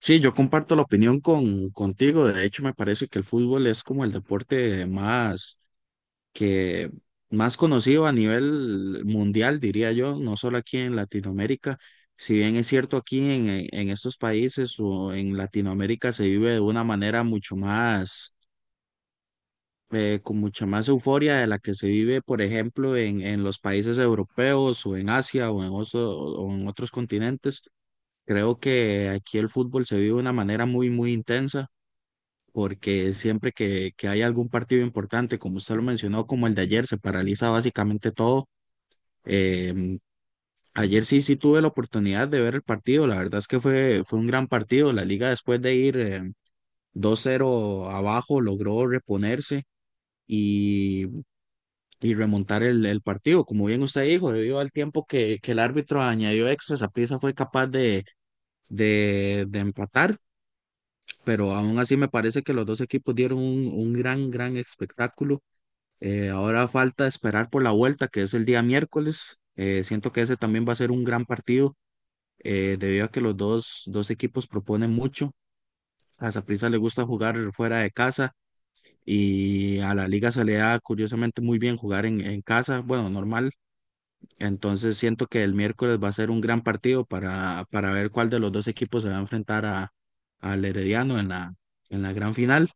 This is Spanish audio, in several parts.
Sí, yo comparto la opinión contigo. De hecho, me parece que el fútbol es como el deporte más que más conocido a nivel mundial, diría yo, no solo aquí en Latinoamérica. Si bien es cierto aquí en estos países o en Latinoamérica se vive de una manera mucho más, con mucha más euforia de la que se vive, por ejemplo, en los países europeos o en Asia o o en otros continentes. Creo que aquí el fútbol se vive de una manera muy intensa porque siempre que hay algún partido importante, como usted lo mencionó, como el de ayer, se paraliza básicamente todo. Em, Ayer sí tuve la oportunidad de ver el partido, la verdad es que fue un gran partido. La liga después de ir 2-0 abajo logró reponerse. Y, y remontar el partido, como bien usted dijo, debido al tiempo que el árbitro añadió extra, Saprissa fue capaz de empatar, pero aún así me parece que los dos equipos dieron un gran espectáculo. Ahora falta esperar por la vuelta, que es el día miércoles. Siento que ese también va a ser un gran partido, debido a que los dos equipos proponen mucho. A Saprissa le gusta jugar fuera de casa y a la liga se le da curiosamente muy bien jugar en casa, bueno, normal. Entonces siento que el miércoles va a ser un gran partido para ver cuál de los dos equipos se va a enfrentar al Herediano en en la gran final.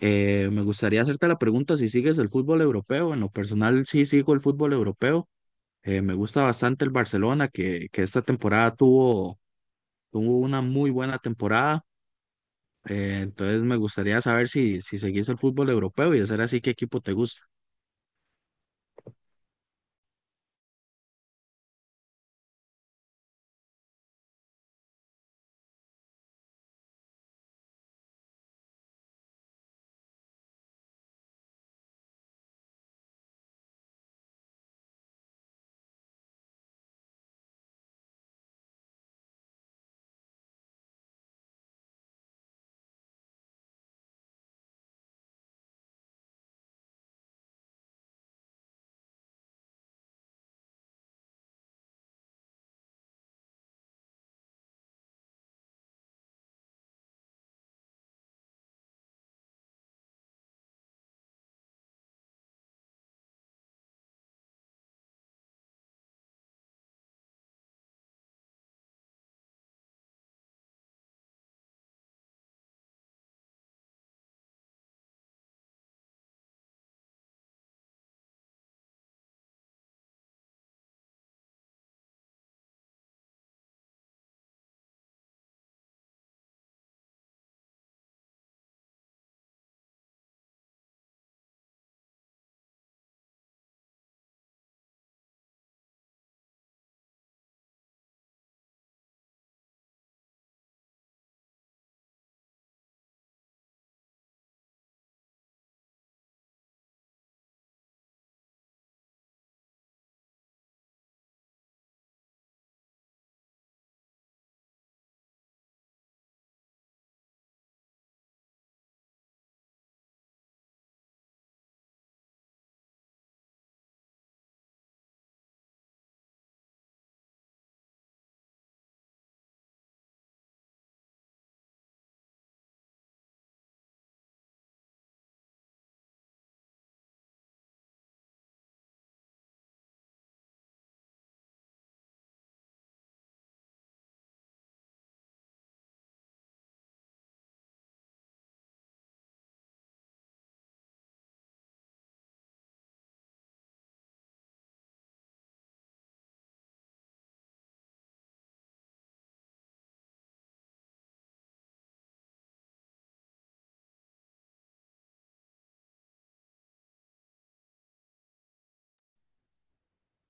Me gustaría hacerte la pregunta si sigues el fútbol europeo. En lo personal, sí sigo el fútbol europeo. Me gusta bastante el Barcelona, que esta temporada tuvo una muy buena temporada. Entonces, me gustaría saber si, si seguís el fútbol europeo y de ser así, ¿qué equipo te gusta?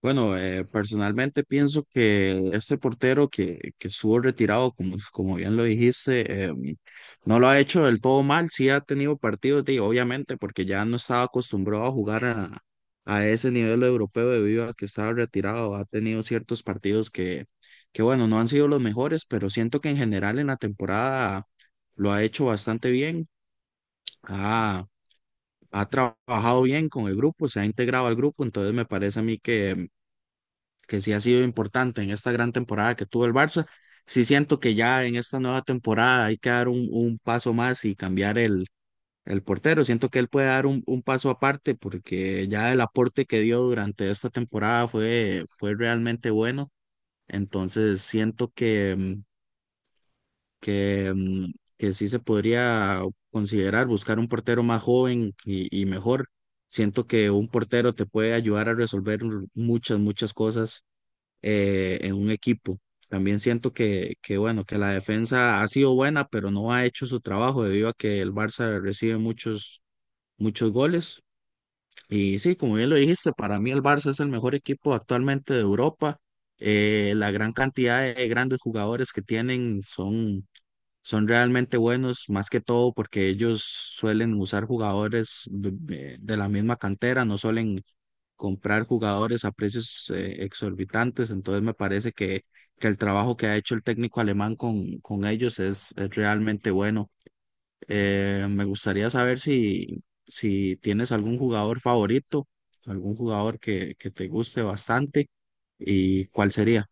Bueno, personalmente pienso que este portero que estuvo retirado, como, como bien lo dijiste, no lo ha hecho del todo mal, sí ha tenido partidos, de, obviamente, porque ya no estaba acostumbrado a jugar a ese nivel europeo debido a que estaba retirado, ha tenido ciertos partidos bueno, no han sido los mejores, pero siento que en general en la temporada lo ha hecho bastante bien, ha, ha trabajado bien con el grupo, se ha integrado al grupo, entonces me parece a mí que sí ha sido importante en esta gran temporada que tuvo el Barça. Sí siento que ya en esta nueva temporada hay que dar un paso más y cambiar el portero. Siento que él puede dar un paso aparte porque ya el aporte que dio durante esta temporada fue realmente bueno. Entonces siento que, que sí se podría considerar buscar un portero más joven y mejor. Siento que un portero te puede ayudar a resolver muchas cosas en un equipo. También siento que, bueno, que la defensa ha sido buena, pero no ha hecho su trabajo debido a que el Barça recibe muchos goles. Y sí, como bien lo dijiste, para mí el Barça es el mejor equipo actualmente de Europa. La gran cantidad de grandes jugadores que tienen son realmente buenos, más que todo porque ellos suelen usar jugadores de la misma cantera, no suelen comprar jugadores a precios exorbitantes, entonces me parece que el trabajo que ha hecho el técnico alemán con ellos es realmente bueno. Me gustaría saber si, si tienes algún jugador favorito, algún jugador que te guste bastante y cuál sería.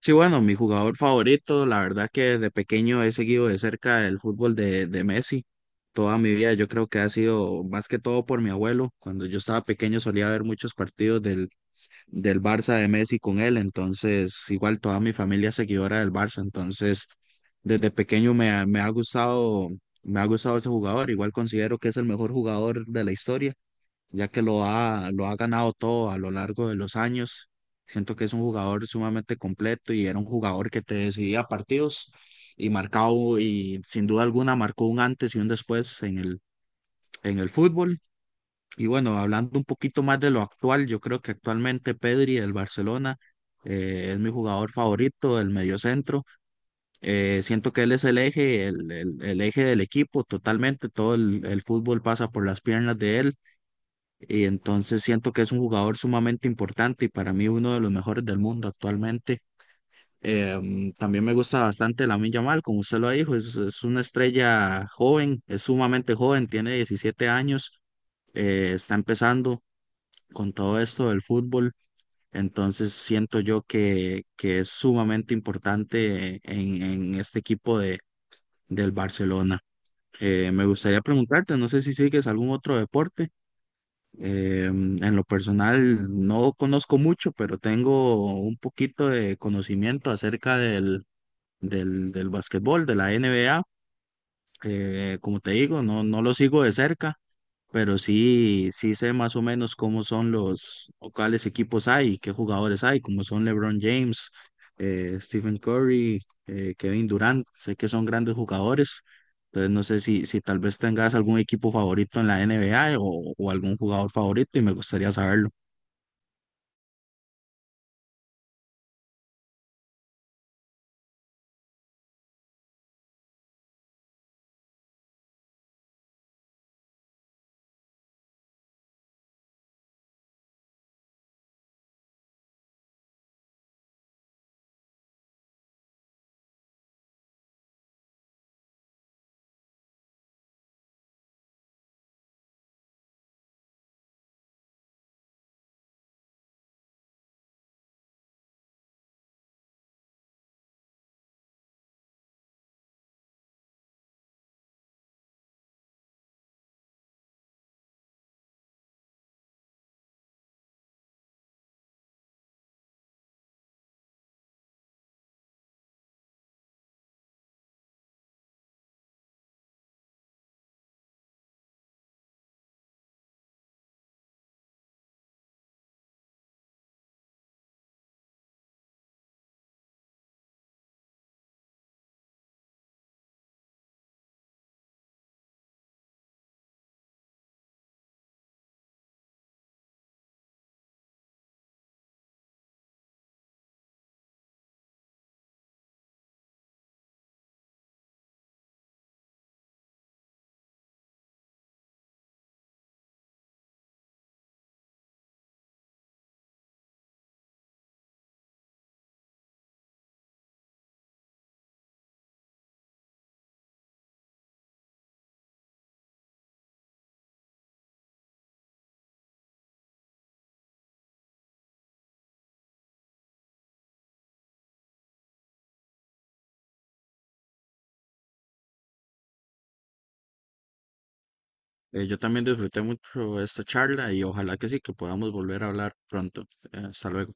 Sí, bueno, mi jugador favorito, la verdad que desde pequeño he seguido de cerca el fútbol de Messi toda mi vida. Yo creo que ha sido más que todo por mi abuelo. Cuando yo estaba pequeño solía ver muchos partidos del Barça de Messi con él, entonces igual toda mi familia es seguidora del Barça, entonces desde pequeño me ha me ha gustado ese jugador. Igual considero que es el mejor jugador de la historia ya que lo ha ganado todo a lo largo de los años. Siento que es un jugador sumamente completo y era un jugador que te decidía partidos y marcado y sin duda alguna marcó un antes y un después en en el fútbol. Y bueno, hablando un poquito más de lo actual, yo creo que actualmente Pedri del Barcelona es mi jugador favorito del mediocentro. Siento que él es el eje, el eje del equipo totalmente. Todo el fútbol pasa por las piernas de él. Y entonces siento que es un jugador sumamente importante y para mí uno de los mejores del mundo actualmente. También me gusta bastante Lamine Yamal, como usted lo dijo, es una estrella joven, es sumamente joven, tiene 17 años, está empezando con todo esto del fútbol, entonces siento yo que es sumamente importante en este equipo del Barcelona. Me gustaría preguntarte, no sé si sigues algún otro deporte. En lo personal no conozco mucho, pero tengo un poquito de conocimiento acerca del básquetbol, de la NBA. Como te digo, no, no lo sigo de cerca, pero sí, sí sé más o menos cómo son los, o cuáles equipos hay, qué jugadores hay, como son LeBron James, Stephen Curry, Kevin Durant, sé que son grandes jugadores, entonces no sé si, si tal vez tengas algún equipo favorito en la NBA o algún jugador favorito y me gustaría saberlo. Yo también disfruté mucho esta charla y ojalá que sí, que podamos volver a hablar pronto. Hasta luego.